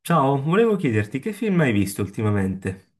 Ciao, volevo chiederti che film hai visto ultimamente?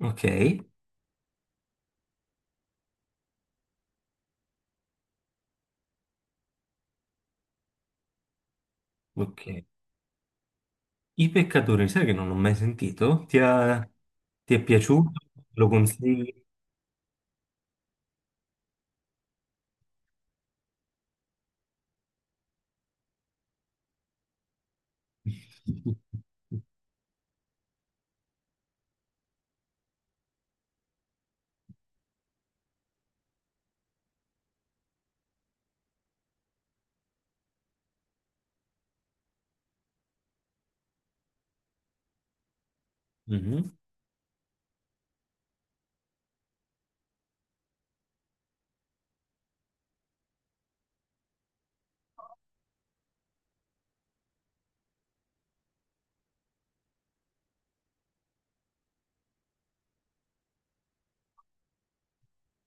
Ok, ok. I peccatori, sai che non l'ho mai sentito? Ti è piaciuto? Lo consigli? Mhm,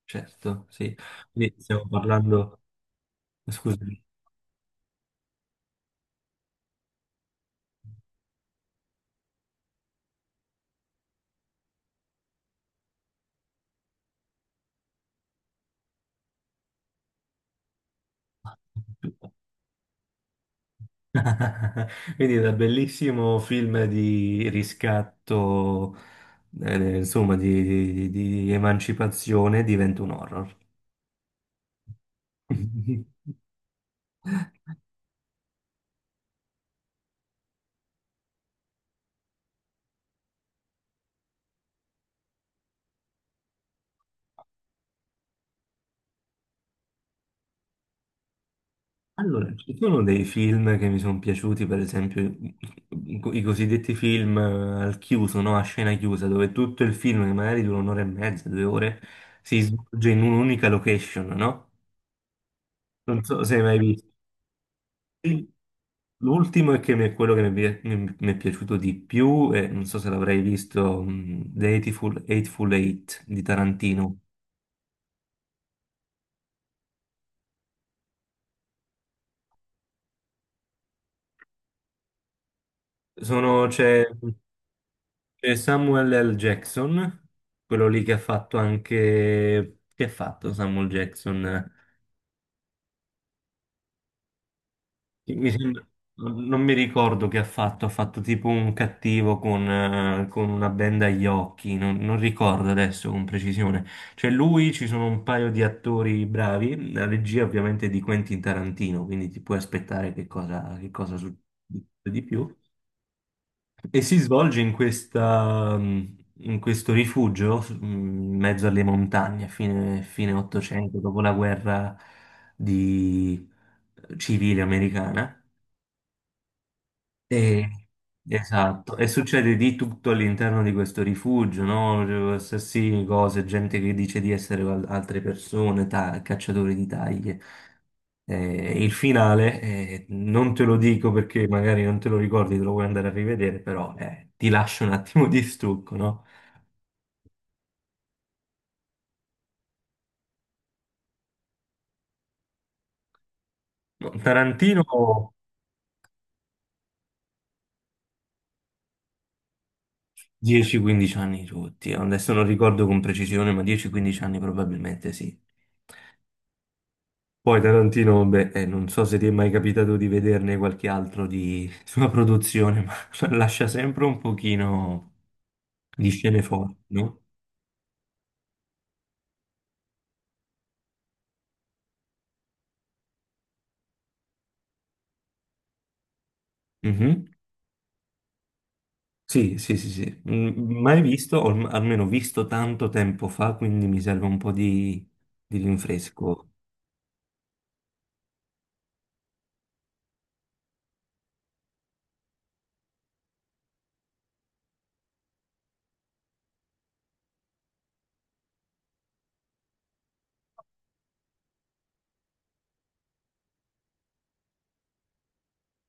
certo, sì. Quindi stiamo parlando, scusami. Quindi da bellissimo film di riscatto, insomma, di emancipazione diventa un horror. Allora, ci sono dei film che mi sono piaciuti, per esempio i cosiddetti film, al chiuso, no? A scena chiusa, dove tutto il film, che magari dura un'ora e mezza, 2 ore, si svolge in un'unica location, no? Non so se hai mai visto. L'ultimo è quello che mi è piaciuto di più, e non so se l'avrei visto, The Hateful Eight di Tarantino. Sono- c'è c'è Samuel L. Jackson, quello lì che ha fatto anche... Che ha fatto Samuel Jackson? Mi sembra- non mi ricordo che ha fatto, tipo un cattivo con una benda agli occhi, non ricordo adesso con precisione. Cioè lui, ci sono un paio di attori bravi, la regia ovviamente è di Quentin Tarantino, quindi ti puoi aspettare che cosa succede di più. E si svolge in questa, in questo rifugio, in mezzo alle montagne, a fine 800, dopo la guerra di- civile americana. Sì, esatto, e succede di tutto all'interno di questo rifugio, no? Assassini, cose, gente che dice di essere altre persone, cacciatori di taglie. Il finale, non te lo dico perché magari non te lo ricordi, te lo vuoi andare a rivedere, però ti lascio un attimo di stucco, no? No, Tarantino 10-15 anni tutti, adesso non ricordo con precisione, ma 10-15 anni probabilmente sì. Poi Tarantino, beh, non so se ti è mai capitato di vederne qualche altro di sua produzione, ma lascia sempre un pochino di scene forti, no? Mhm. Sì, sì, sì, sì. Mm, mai visto, o almeno visto tanto tempo fa, quindi mi serve un po' di rinfresco.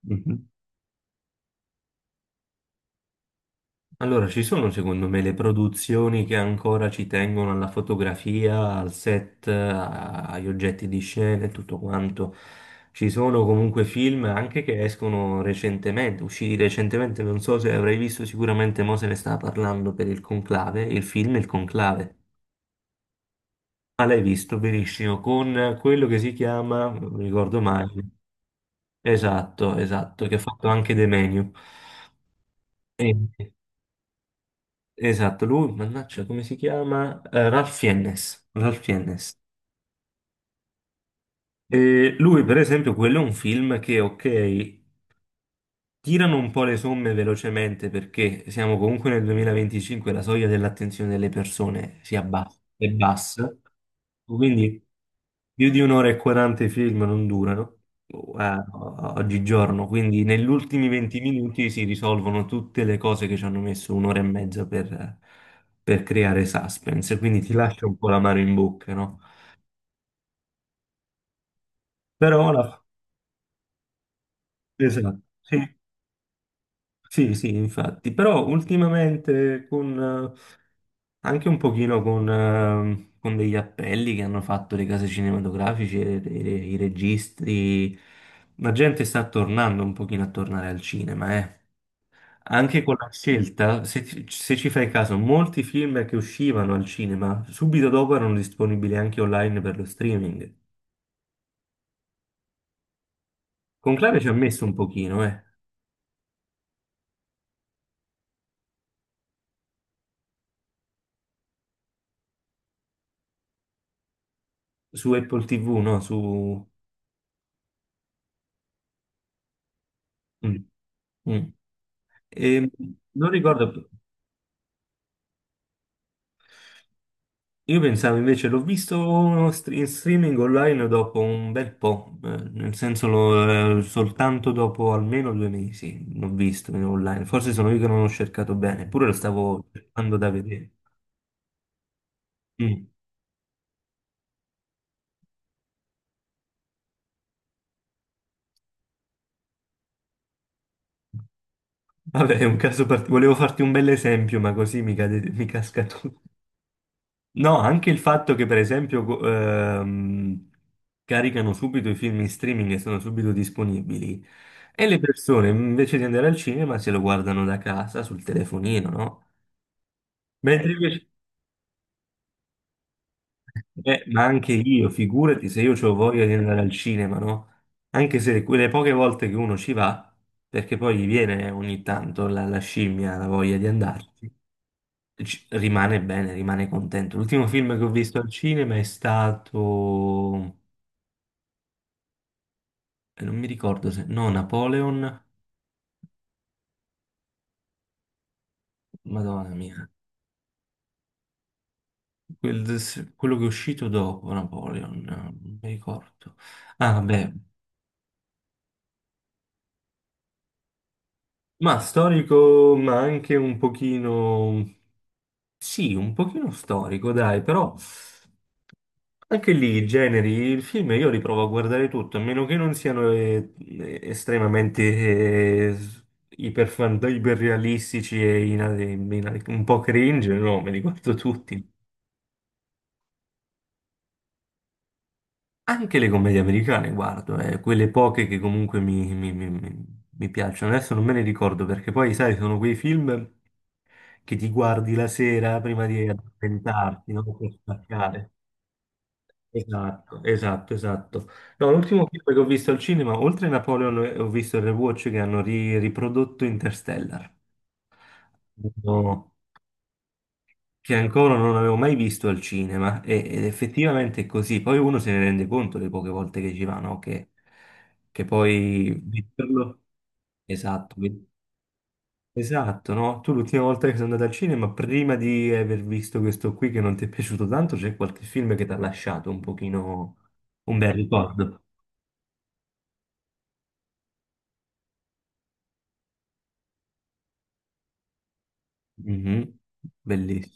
Mhm. Allora, ci sono secondo me le produzioni che ancora ci tengono alla fotografia, al set, agli oggetti di scena e tutto quanto. Ci sono comunque film anche che escono recentemente, usciti recentemente, non so se avrai visto, sicuramente mo se ne stava parlando per il Conclave, il film Il Conclave. Ma l'hai visto benissimo, con quello che si chiama, non mi ricordo mai, esatto, esatto, che ha fatto anche De Meniu. Esatto, lui, mannaggia, come si chiama? Ralph Fiennes. Ralph Fiennes. E lui, per esempio, quello è un film che, ok, tirano un po' le somme velocemente perché siamo comunque nel 2025, la soglia dell'attenzione delle persone si abbassa, è bassa, quindi più di un'ora e 40 i film non durano, boh, oggigiorno, quindi negli ultimi 20 minuti si risolvono tutte le cose che ci hanno messo un'ora e mezza per creare suspense, quindi ti lascia un po' l'amaro in bocca, no? Però la. Esatto, sì, sì, sì, infatti, però ultimamente con... Anche un pochino con degli appelli che hanno fatto le case cinematografiche, i registi. La gente sta tornando un pochino a tornare al cinema, eh. Anche con la scelta, se ci fai caso, molti film che uscivano al cinema subito dopo erano disponibili anche online per lo streaming. Conclave ci ha messo un pochino, eh. Su Apple TV, no? Su... Mm, mm. E non ricordo... Io pensavo invece, l'ho visto in streaming online dopo un bel po', nel senso soltanto dopo almeno 2 mesi l'ho visto in online, forse sono io che non l'ho cercato bene, eppure lo stavo cercando da vedere. Mm. Vabbè, è un caso particolare, volevo farti un bel esempio, ma così mi casca tutto. No, anche il fatto che per esempio caricano subito i film in streaming e sono subito disponibili e le persone invece di andare al cinema se lo guardano da casa sul telefonino, no? Mentre invece, ma anche io, figurati se io ho voglia di andare al cinema, no? Anche se quelle poche volte che uno ci va, perché poi gli viene ogni tanto la, scimmia, la voglia di andarci, rimane bene, rimane contento. L'ultimo film che ho visto al cinema è stato... non mi ricordo se... No, Napoleon, Madonna mia. Quello che è uscito dopo Napoleon, no, non mi ricordo. Ah, vabbè. Ma storico, ma anche un pochino... Sì, un pochino storico, dai, però... Anche lì i generi, il film io li provo a guardare tutto, a meno che non siano estremamente iperrealistici e un po' cringe, no, me li guardo tutti. Anche le commedie americane guardo, quelle poche che comunque mi piacciono. Adesso non me ne ricordo perché poi, sai, sono quei film che ti guardi la sera prima di addormentarti, no? Per staccare. Esatto, esatto, esatto. No, l'ultimo film che ho visto al cinema, oltre a Napoleon, ho visto il rewatch che hanno riprodotto Interstellar. No. Che ancora non avevo mai visto al cinema e- ed effettivamente è così. Poi uno se ne rende conto le poche volte che ci va, no? Che poi vederlo. Esatto, esatto, no? Tu l'ultima volta che sei andato al cinema, prima di aver visto questo qui che non ti è piaciuto tanto, c'è qualche film che ti ha lasciato un pochino un bel ricordo. Mhm, bellissimo.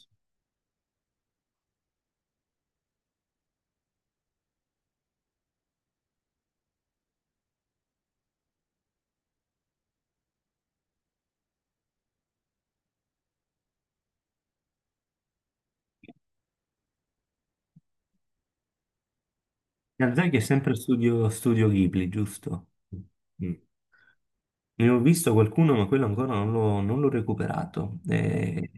Miyazaki è sempre Studio Ghibli, giusto? Mm. Ne ho visto qualcuno, ma quello ancora non l'ho recuperato.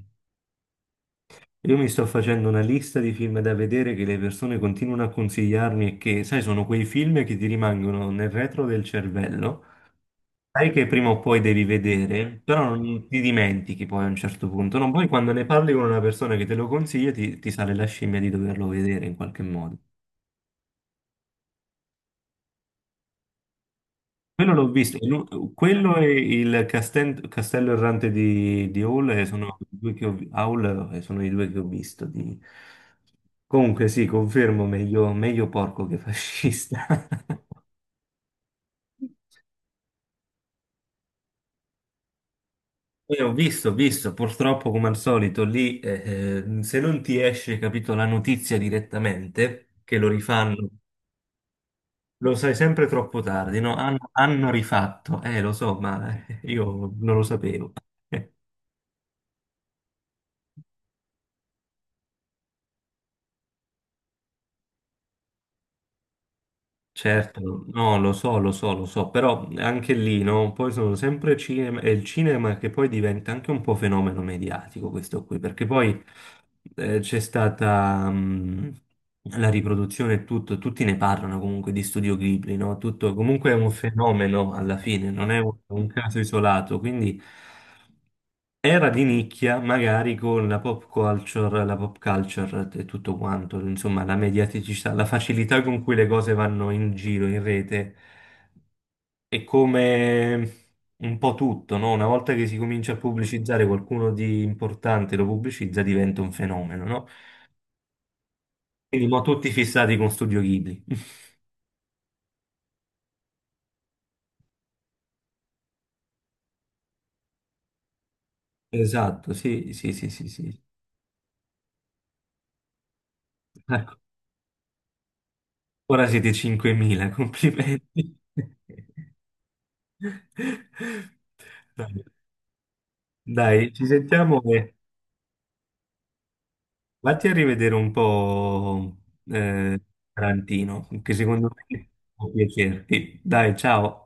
Io mi sto facendo una lista di film da vedere che le persone continuano a consigliarmi e che, sai, sono quei film che ti rimangono nel retro del cervello. Sai che prima o poi devi vedere, però non ti dimentichi poi a un certo punto. No, poi quando ne parli con una persona che te lo consiglia, ti sale la scimmia di doverlo vedere in qualche modo. Quello l'ho visto, quello e Castello Errante di Hall, sono i due che Howl, sono i due che ho visto. Comunque sì, confermo, meglio, meglio porco che fascista. Ho visto, purtroppo come al solito lì, se non ti esce, capito, la notizia direttamente, che lo rifanno, lo sai sempre troppo tardi, no? Hanno rifatto, lo so, ma io non lo sapevo. Certo, no, lo so, lo so, lo so, però anche lì, no? Poi sono sempre cinema, è il cinema che poi diventa anche un po' fenomeno mediatico questo qui, perché poi c'è stata la riproduzione e tutto, tutti ne parlano comunque di Studio Ghibli, no? Tutto comunque è un fenomeno alla fine, non è un caso isolato, quindi... Era di nicchia, magari con la pop culture e tutto quanto, insomma, la mediaticità, la facilità con cui le cose vanno in giro, in rete, e come un po' tutto, no? Una volta che si comincia a pubblicizzare qualcuno di importante lo pubblicizza, diventa un fenomeno, no? Quindi mo tutti fissati con Studio Ghibli. Esatto, sì, sì, sì, sì, sì. Ecco, ora siete 5.000, complimenti. Dai. Dai, ci sentiamo e vatti a rivedere un po' eh, Tarantino, che secondo me può piacerti. Dai, ciao.